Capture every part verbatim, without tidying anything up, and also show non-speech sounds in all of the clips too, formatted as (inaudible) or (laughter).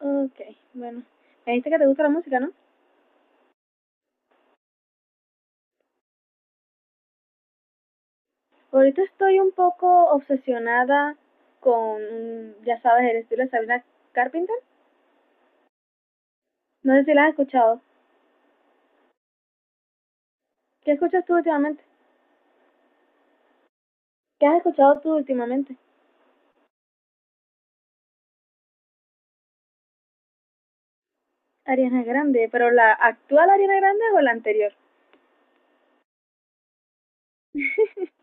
Ok, bueno. Me dijiste que te gusta la música, ¿no? Ahorita estoy un poco obsesionada con, ya sabes, el estilo de Sabrina Carpenter. No sé si la has escuchado. ¿Qué escuchas tú últimamente? ¿Qué has escuchado tú últimamente? Ariana Grande, ¿pero la actual Ariana Grande o la anterior? (laughs)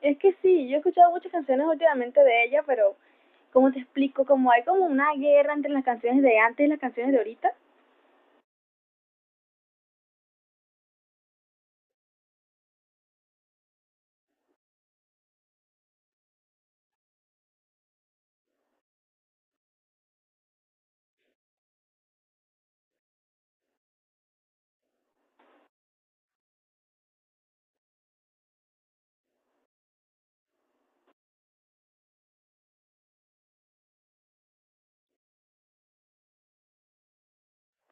Es que sí, yo he escuchado muchas canciones últimamente de ella, pero cómo te explico, como hay como una guerra entre las canciones de antes y las canciones de ahorita.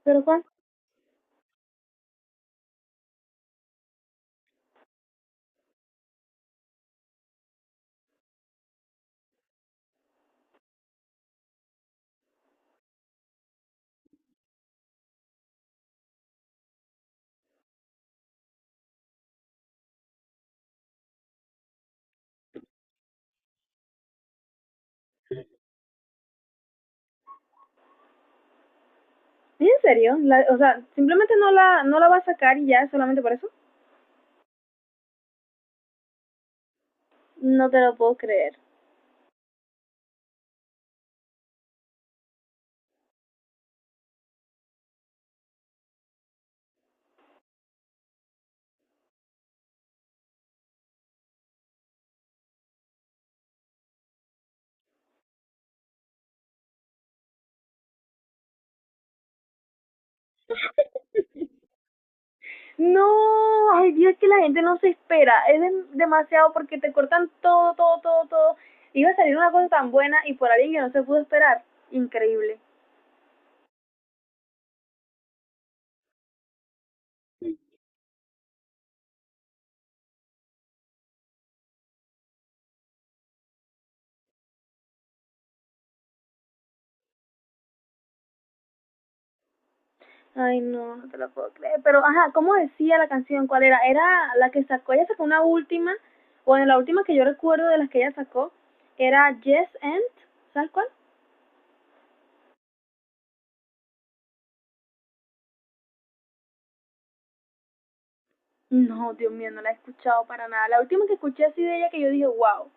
¿Pero cuál? ¿En serio? La- o sea, simplemente no la no la va a sacar y ya solamente por eso. No te lo puedo creer. No, ay Dios, que la gente no se espera. Es dem- demasiado porque te cortan todo, todo, todo, todo. Iba a salir una cosa tan buena y por alguien que no se pudo esperar. Increíble. Ay, no, no te lo puedo creer. Pero, ajá, ¿cómo decía la canción? ¿Cuál era? Era la que sacó, ella sacó una última, bueno, la última que yo recuerdo de las que ella sacó, era Yes and, ¿sabes cuál? No, Dios mío, no la he escuchado para nada. La última que escuché así de ella que yo dije, wow,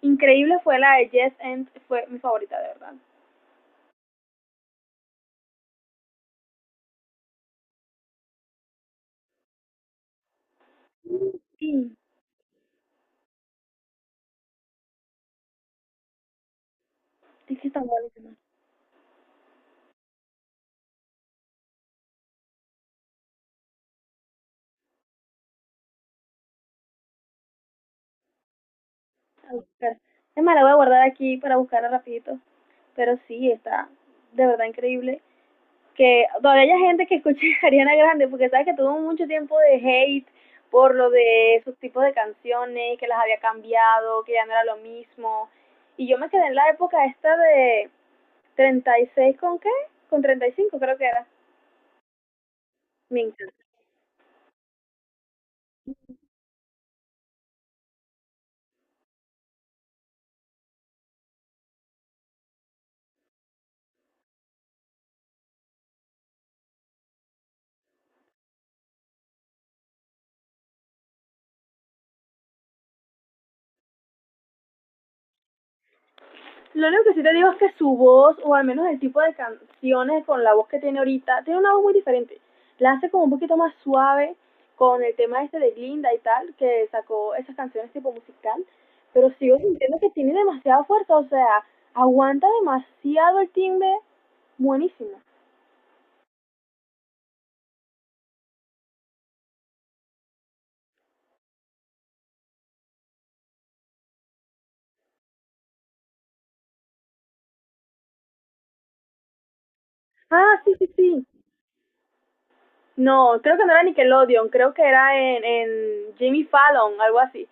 increíble fue la de Yes and, fue mi favorita de verdad. Mm, es que están buenísimas. A buscar. Es más, la voy a guardar aquí para buscarla rapidito. Pero sí, está de verdad increíble. Que todavía hay gente que escuche (laughs) a Ariana Grande, porque sabes que tuvo mucho tiempo de hate por lo de sus tipos de canciones, que las había cambiado, que ya no era lo mismo. Y yo me quedé en la época esta de treinta y seis, ¿con qué? Con treinta y cinco creo que era. Me encanta. Lo único que sí te digo es que su voz, o al menos el tipo de canciones con la voz que tiene ahorita, tiene una voz muy diferente. La hace como un poquito más suave con el tema este de Glinda y tal, que sacó esas canciones tipo musical, pero sigo sintiendo que tiene demasiada fuerza, o sea, aguanta demasiado el timbre, buenísimo. Ah, sí, sí, sí. No, creo que no era Nickelodeon, creo que era en, en Jimmy Fallon, algo así.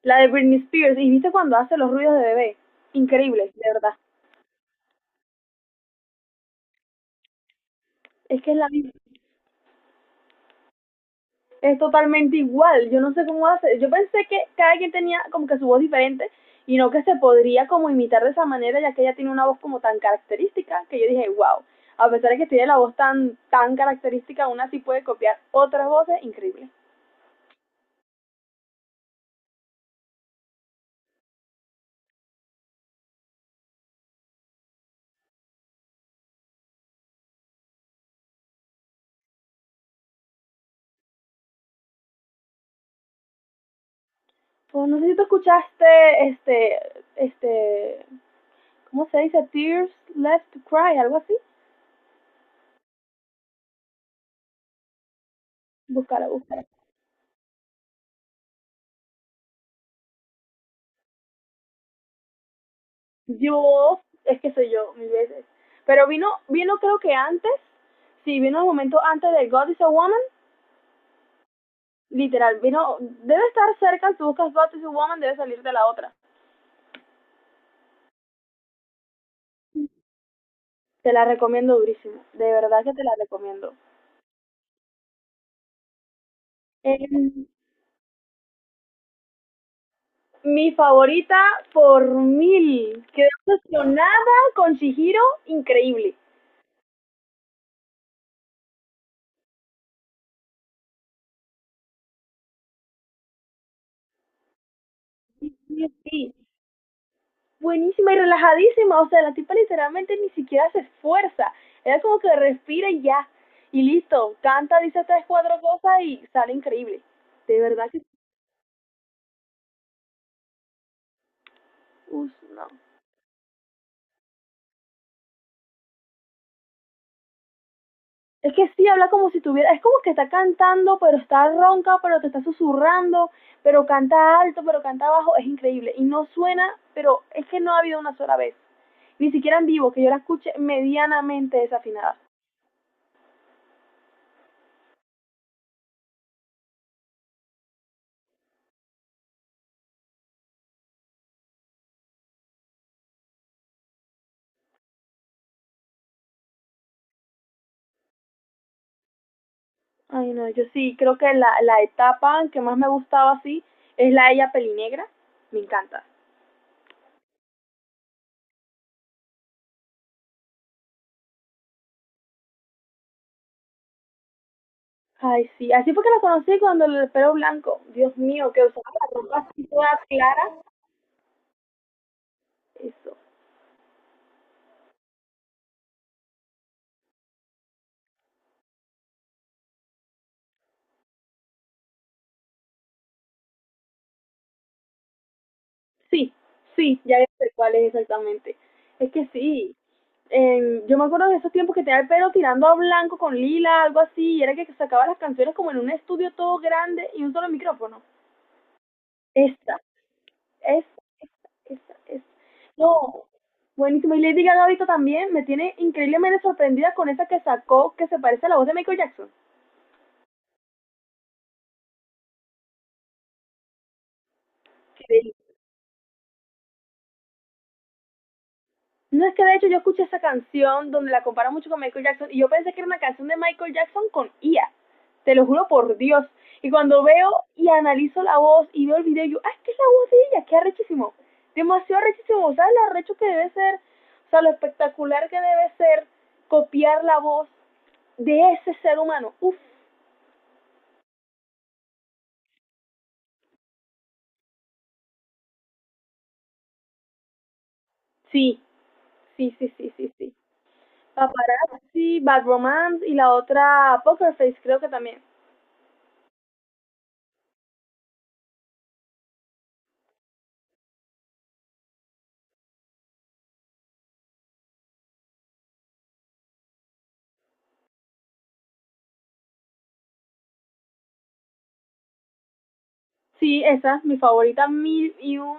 La de Britney Spears, y viste cuando hace los ruidos de bebé. Increíble, de verdad. Es que es la misma. Es totalmente igual. Yo no sé cómo hace. Yo pensé que cada quien tenía como que su voz diferente y no que se podría como imitar de esa manera, ya que ella tiene una voz como tan característica que yo dije, wow, a pesar de que tiene la voz tan, tan característica, aún así puede copiar otras voces increíbles. Pues no sé si tú escuchaste este, este, ¿cómo se dice? Tears Left to Cry, algo así. Búscala, búscala. Yo, es que soy yo, mil veces. Pero vino, vino creo que antes, sí, vino el momento antes de God is a Woman. Literal, vino, debe estar cerca, si buscas Batman y Woman, debe salir de la otra. Te la recomiendo durísimo, de verdad que te la recomiendo. Eh, Mi favorita por mil. Quedé obsesionada con Shihiro, increíble. Sí, sí, sí. Buenísima y relajadísima, o sea, la tipa literalmente ni siquiera se esfuerza. Era como que respira y ya, y listo, canta, dice tres, cuatro cosas y sale increíble. De verdad que, uff, no, es que sí, habla como si tuviera, es como que está cantando, pero está ronca, pero te está susurrando, pero canta alto, pero canta bajo, es increíble. Y no suena, pero es que no ha habido una sola vez, ni siquiera en vivo, que yo la escuche medianamente desafinada. Ay, no, yo sí, creo que la, la etapa que más me gustaba así es la de ella pelinegra, me encanta. Ay, sí, así fue que la conocí cuando el pelo blanco, Dios mío, que usaba la ropa así toda clara, eso. Sí, sí, ya sé cuál es exactamente. Es que sí. Eh, yo me acuerdo de esos tiempos que tenía el pelo tirando a blanco con lila, algo así, y era que sacaba las canciones como en un estudio todo grande y un solo micrófono. Esta, esta, esta, esta, esta. No, buenísimo. Y Lady Gaga ahorita también me tiene increíblemente sorprendida con esa que sacó que se parece a la voz de Michael Jackson. Increíble. No, es que de hecho yo escuché esa canción donde la compara mucho con Michael Jackson y yo pensé que era una canción de Michael Jackson con I A. Te lo juro por Dios. Y cuando veo y analizo la voz y veo el video, yo, ah, es que es la voz de ella, qué arrechísimo. Demasiado arrechísimo. ¿Sabes lo arrecho que debe ser? O sea, lo espectacular que debe ser copiar la voz de ese ser humano. Uf, sí, sí, sí, sí, sí, sí. Paparazzi, Bad Romance y la otra Poker Face creo que también. Sí, esa es mi favorita mil y un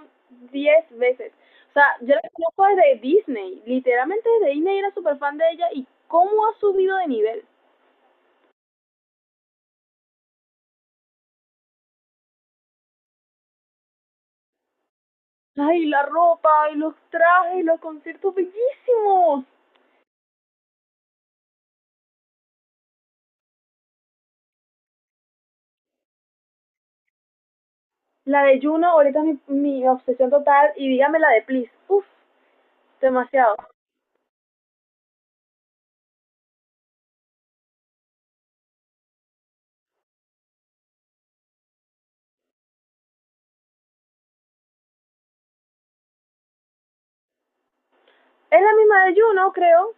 diez veces. O sea, yo la conozco desde Disney. Literalmente desde Disney era súper fan de ella y cómo ha subido de nivel. Ay, la ropa, y los trajes, los conciertos bellísimos. La de Juno ahorita es mi, mi obsesión total y dígame la de Please. Uf, demasiado. Es la misma de Juno, creo.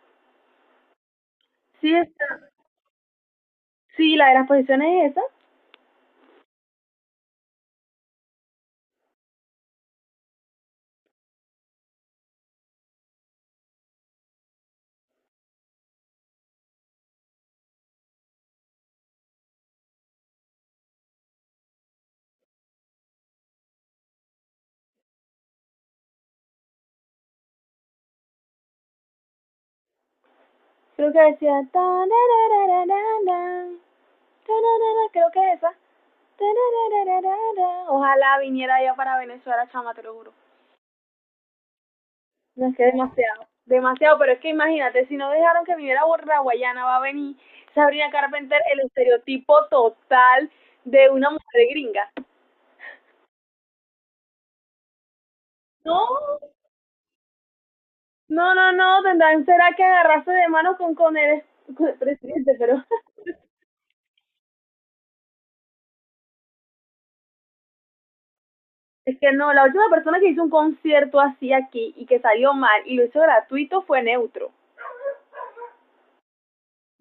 Sí, está. Sí, la de las posiciones es esa. Creo que decía... "Tarararararara, tararara", creo que es esa. Ojalá viniera yo para Venezuela, chama, te lo juro. No, es que demasiado, demasiado, pero es que imagínate, si no dejaron que viniera Borra Guayana, va a venir Sabrina Carpenter, el estereotipo total de una mujer gringa. No, no, no, no, tendrán, será que agarrarse de mano con, con, el, con el presidente, pero (laughs) es que no, la última persona que hizo un concierto así aquí y que salió mal y lo hizo gratuito fue Neutro.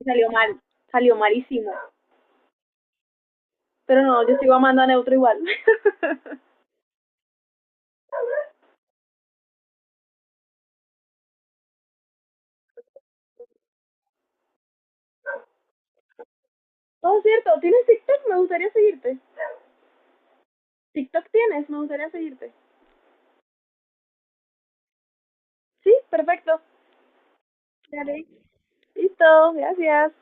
Salió mal, salió malísimo. Pero no, yo sigo amando a Neutro igual. (laughs) Oh, cierto, ¿tienes TikTok? Me gustaría seguirte. TikTok tienes, me gustaría seguirte. Sí, perfecto. Dale. Listo, gracias.